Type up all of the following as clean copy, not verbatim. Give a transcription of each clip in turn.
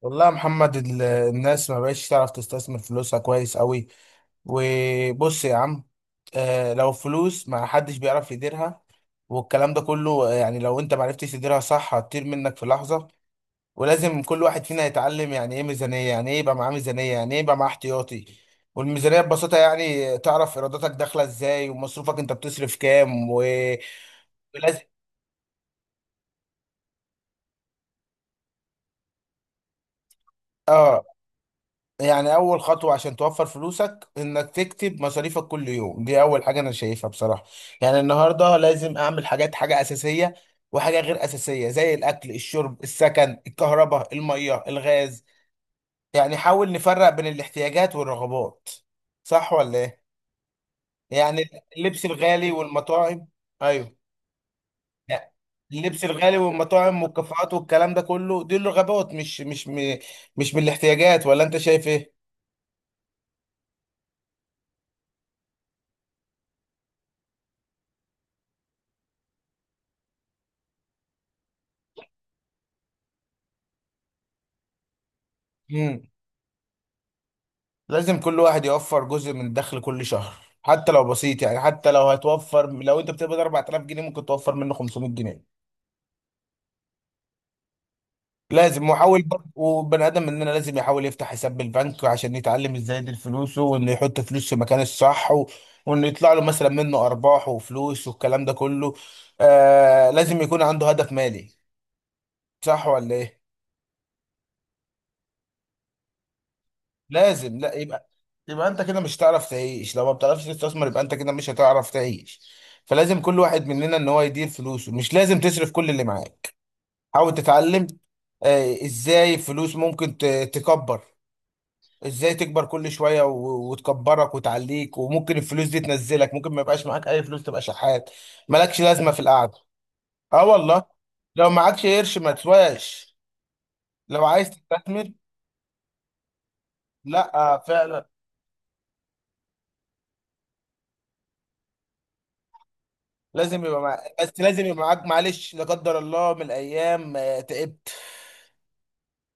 والله يا محمد الناس ما بقتش تعرف تستثمر فلوسها كويس قوي. وبص يا عم. لو فلوس ما حدش بيعرف يديرها. والكلام ده كله، يعني لو انت ما عرفتش تديرها صح هتطير منك في لحظة. ولازم كل واحد فينا يتعلم يعني ايه ميزانية، يعني ايه يبقى معاه ميزانية، يعني ايه يبقى معاه احتياطي. والميزانية ببساطة يعني تعرف ايراداتك داخلة ازاي، ومصروفك انت بتصرف كام. ولازم اه يعني اول خطوه عشان توفر فلوسك انك تكتب مصاريفك كل يوم، دي اول حاجه انا شايفها بصراحه. يعني النهارده لازم اعمل حاجات، حاجه اساسيه وحاجه غير اساسيه، زي الاكل الشرب السكن الكهرباء الميه الغاز. يعني حاول نفرق بين الاحتياجات والرغبات. صح ولا ايه؟ يعني اللبس الغالي والمطاعم. ايوه. يعني اللبس الغالي والمطاعم والكافيهات والكلام ده كله، دي الرغبات، مش من الاحتياجات، ولا انت شايف ايه؟ لازم كل واحد يوفر جزء من دخل كل شهر، حتى لو بسيط. يعني حتى لو هتوفر، لو انت بتقبض 4000 جنيه ممكن توفر منه 500 جنيه. لازم. وحاول برضه، وبني ادم مننا لازم يحاول يفتح حساب بالبنك عشان يتعلم ازاي يدير فلوسه، وانه يحط فلوس في مكان الصح، وانه يطلع له مثلا منه ارباح وفلوس والكلام ده كله. آه، لازم يكون عنده هدف مالي. صح ولا ايه؟ لازم لا يبقى انت كده مش هتعرف تعيش، لو ما بتعرفش تستثمر يبقى انت كده مش هتعرف تعيش. فلازم كل واحد مننا ان هو يدير فلوسه، مش لازم تصرف كل اللي معاك. حاول تتعلم. آه، ازاي فلوس ممكن تكبر. ازاي تكبر كل شوية، وتكبرك وتعليك. وممكن الفلوس دي تنزلك، ممكن ما يبقاش معاك اي فلوس، تبقى شحات مالكش لازمة في القعدة. اه والله. لو معكش قرش ما تسواش. لو عايز تستثمر. لا فعلا. بس لازم يبقى معاك، معلش لا قدر الله من الايام تعبت.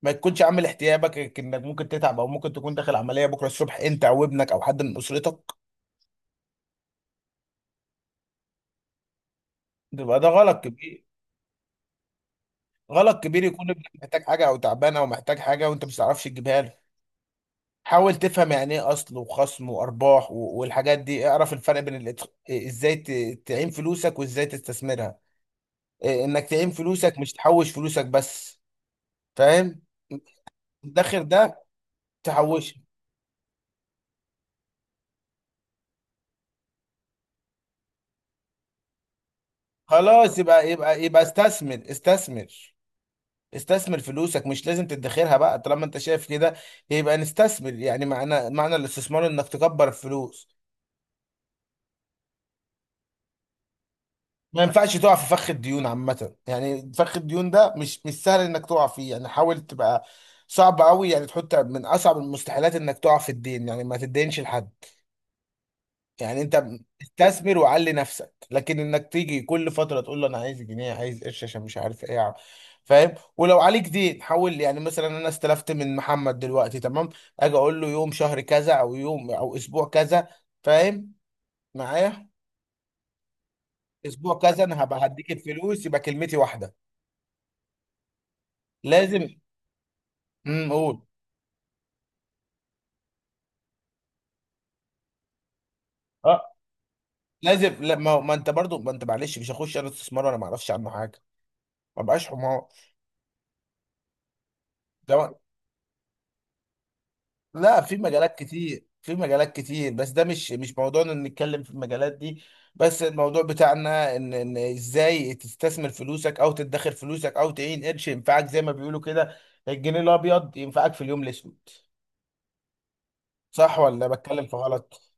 ما تكونش عامل احتياجك انك ممكن تتعب، او ممكن تكون داخل عمليه بكره الصبح، انت او ابنك او حد من اسرتك. بيبقى ده غلط كبير. غلط كبير يكون ابنك محتاج حاجه او تعبان او محتاج حاجه وانت مش تعرفش تجيبها له. حاول تفهم يعني ايه اصل وخصم وارباح، والحاجات دي. اعرف الفرق بين الاتخ... إيه، ازاي تعين فلوسك، وازاي تستثمرها. انك تعين فلوسك مش تحوش فلوسك بس. فاهم؟ الداخل ده تحوشه. خلاص. يبقى استثمر استثمر. استثمر فلوسك، مش لازم تدخرها بقى طالما انت شايف كده. يبقى نستثمر. يعني معنى الاستثمار انك تكبر الفلوس. ما ينفعش تقع في فخ الديون عامة، يعني فخ الديون ده مش سهل انك تقع فيه. يعني حاول تبقى صعب قوي، يعني تحط من اصعب المستحيلات انك تقع في الدين، يعني ما تدينش لحد. يعني انت استثمر وعلي نفسك، لكن انك تيجي كل فتره تقول له انا عايز جنيه، عايز قرش عشان مش عارف ايه. فاهم؟ ولو عليك دين حول. يعني مثلا انا استلفت من محمد دلوقتي، تمام. اجي اقول له يوم شهر كذا، او يوم او اسبوع كذا. فاهم؟ معايا. اسبوع كذا انا هبقى هديك الفلوس، يبقى كلمتي واحده. لازم. امم، قول. اه، لازم. لا ما انت برضو، ما انت معلش مش هخش انا استثمار وانا ما اعرفش عنه حاجه، ما بقاش حمار. ده لا، في مجالات كتير، في مجالات كتير، بس ده مش موضوعنا ان نتكلم في المجالات دي. بس الموضوع بتاعنا ان ازاي تستثمر فلوسك، او تدخر فلوسك، او تعين قرش ينفعك، زي ما بيقولوا كده، الجنيه الابيض ينفعك في اليوم الاسود. صح ولا بتكلم في غلط؟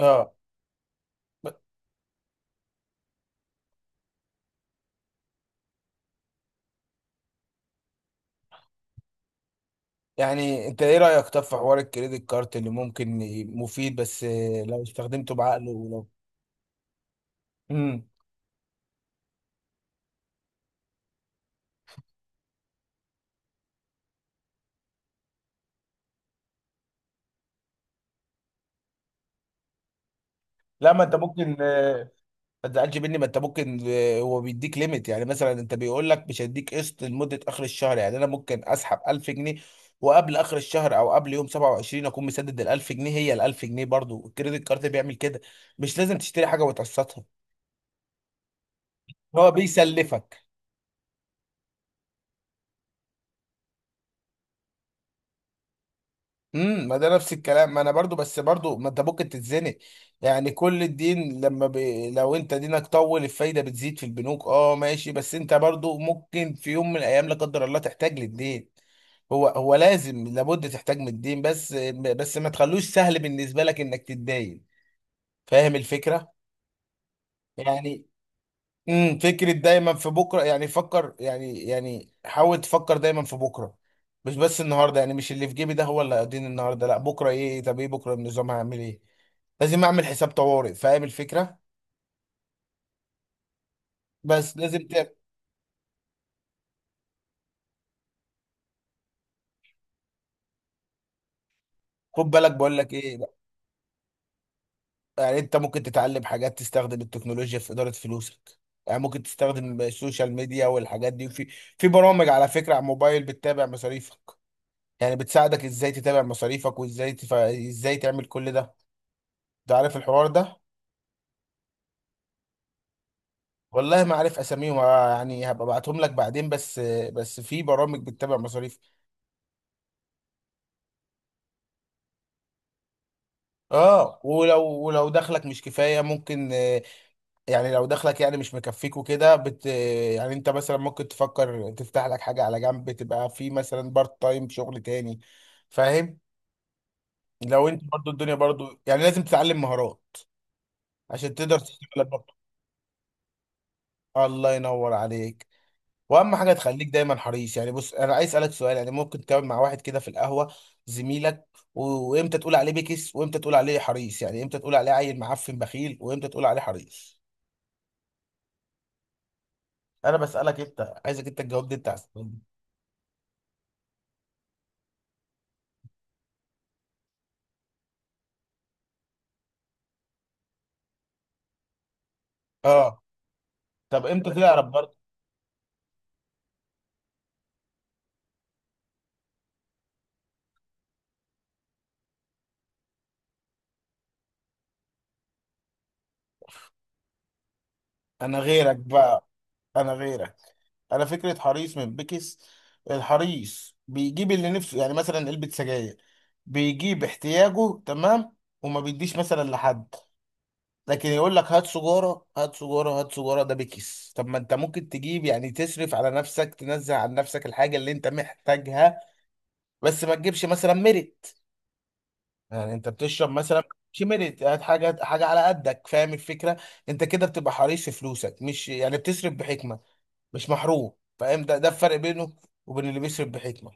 اه. ب- يعني انت ايه رايك طب في حوار الكريدت كارت، اللي ممكن مفيد بس، لو استخدمته بعقله ولو... امم. لا ما انت ممكن. ما تزعلش مني، ما انت ممكن، هو بيديك ليميت. يعني مثلا انت بيقول لك مش هيديك قسط لمده اخر الشهر، يعني انا ممكن اسحب 1000 جنيه، وقبل اخر الشهر او قبل يوم 27 اكون مسدد ال 1000 جنيه، هي ال 1000 جنيه. برضو الكريدت كارد بيعمل كده، مش لازم تشتري حاجه وتقسطها. هو بيسلفك. امم، ما ده نفس الكلام. ما انا برضو، بس برضو ما انت ممكن تتزنق. يعني كل الدين لو انت دينك طول الفايده بتزيد في البنوك. اه ماشي، بس انت برضو ممكن في يوم من الايام لا قدر الله تحتاج للدين. هو هو لازم لابد تحتاج من الدين، بس بس ما تخلوش سهل بالنسبه لك انك تتدين. فاهم الفكره؟ يعني فكره دايما في بكره. يعني فكر، يعني حاول تفكر دايما في بكره، مش بس النهارده. يعني مش اللي في جيبي ده هو اللي هيديني النهارده، لا، بكره ايه، طب ايه بكره النظام، هعمل ايه؟ لازم اعمل حساب طوارئ. فاهم الفكره؟ بس لازم تعمل. خد بالك بقول لك ايه. يعني انت ممكن تتعلم حاجات، تستخدم التكنولوجيا في اداره فلوسك. يعني ممكن تستخدم السوشيال ميديا والحاجات دي، في برامج على فكره على الموبايل بتتابع مصاريفك. يعني بتساعدك ازاي تتابع مصاريفك، وازاي ازاي تعمل كل ده. انت عارف الحوار ده. والله ما عارف اساميهم، يعني هبقى ابعتهم لك بعدين. بس بس في برامج بتتابع مصاريفك. اه ولو دخلك مش كفايه ممكن. يعني لو دخلك يعني مش مكفيك وكده يعني انت مثلا ممكن تفكر تفتح لك حاجة على جنب، تبقى في مثلا بارت تايم شغل تاني. فاهم؟ لو انت برضو الدنيا برضو، يعني لازم تتعلم مهارات عشان تقدر تشتغل برضو. الله ينور عليك. واهم حاجة تخليك دايما حريص. يعني بص، انا عايز اسألك سؤال، يعني ممكن تقعد مع واحد كده في القهوة، زميلك، وامتى تقول عليه بكس، وامتى تقول عليه حريص؟ يعني امتى تقول عليه عيل معفن بخيل، وامتى تقول عليه حريص؟ انا بسألك، انت عايزك انت تجاوبني انت على السؤال ده. اه. طب امتى تعرف برضه؟ انا غيرك بقى. انا غيرك. انا فكره حريص من بكس. الحريص بيجيب اللي نفسه، يعني مثلا علبه سجاير، بيجيب احتياجه، تمام، وما بيديش مثلا لحد. لكن يقول لك هات سجاره هات سجاره هات سجاره، ده بكس. طب ما انت ممكن تجيب يعني، تصرف على نفسك، تنزع عن نفسك الحاجه اللي انت محتاجها. بس ما تجيبش مثلا مرق. يعني انت بتشرب مثلا مش ميريت، هات حاجه حاجه على قدك. فاهم الفكره؟ انت كده بتبقى حريص في فلوسك، مش يعني بتصرف بحكمه، مش محروم. فاهم؟ ده الفرق بينه وبين اللي بيصرف بحكمه.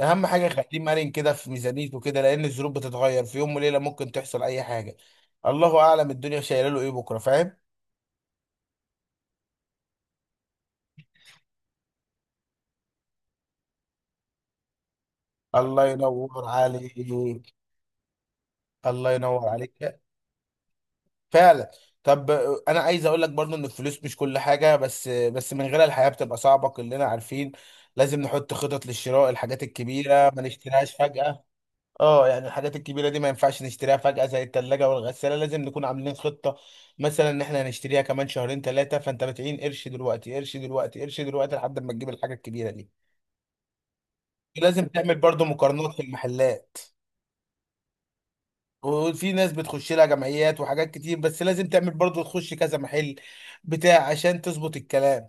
اهم حاجه خليه مرن كده في ميزانيته كده، لان الظروف بتتغير في يوم وليله، ممكن تحصل اي حاجه. الله اعلم الدنيا شايله له ايه بكره. فاهم؟ الله ينور عليك. الله ينور عليك. فعلا. طب. انا عايز اقول لك برضو ان الفلوس مش كل حاجه، بس بس من غيرها الحياه بتبقى صعبه، كلنا عارفين. لازم نحط خطط للشراء، الحاجات الكبيره ما نشتريهاش فجاه. اه يعني الحاجات الكبيره دي ما ينفعش نشتريها فجاه، زي الثلاجه والغساله، لازم نكون عاملين خطه، مثلا ان احنا هنشتريها كمان شهرين ثلاثه، فانت بتعين قرش دلوقتي، قرش دلوقتي، قرش دلوقتي لحد ما تجيب الحاجه الكبيره دي. لازم تعمل برضو مقارنات في المحلات. وفي ناس بتخش لها جمعيات وحاجات كتير، بس لازم تعمل برضه تخش كذا محل بتاع عشان تظبط الكلام.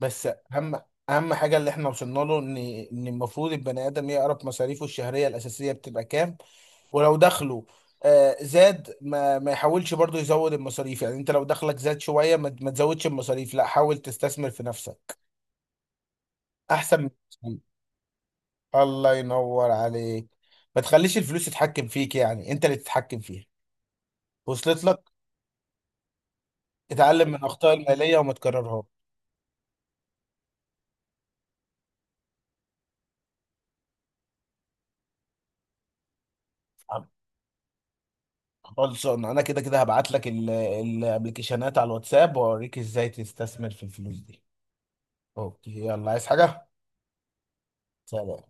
بس اهم اهم حاجه اللي احنا وصلنا له، ان المفروض البني ادم يعرف مصاريفه الشهريه الاساسيه بتبقى كام. ولو دخله آه، زاد ما يحاولش برضه يزود المصاريف. يعني انت لو دخلك زاد شويه ما تزودش المصاريف، لا حاول تستثمر في نفسك احسن. من الله ينور عليك. ما تخليش الفلوس تتحكم فيك، يعني انت اللي تتحكم فيها. وصلت لك؟ اتعلم من اخطاء الماليه وما تكررهاش. خلصان. انا كده كده هبعت لك الابلكيشنات على الواتساب، واوريك ازاي تستثمر في الفلوس دي. اوكي، يلا، عايز حاجه؟ سلام.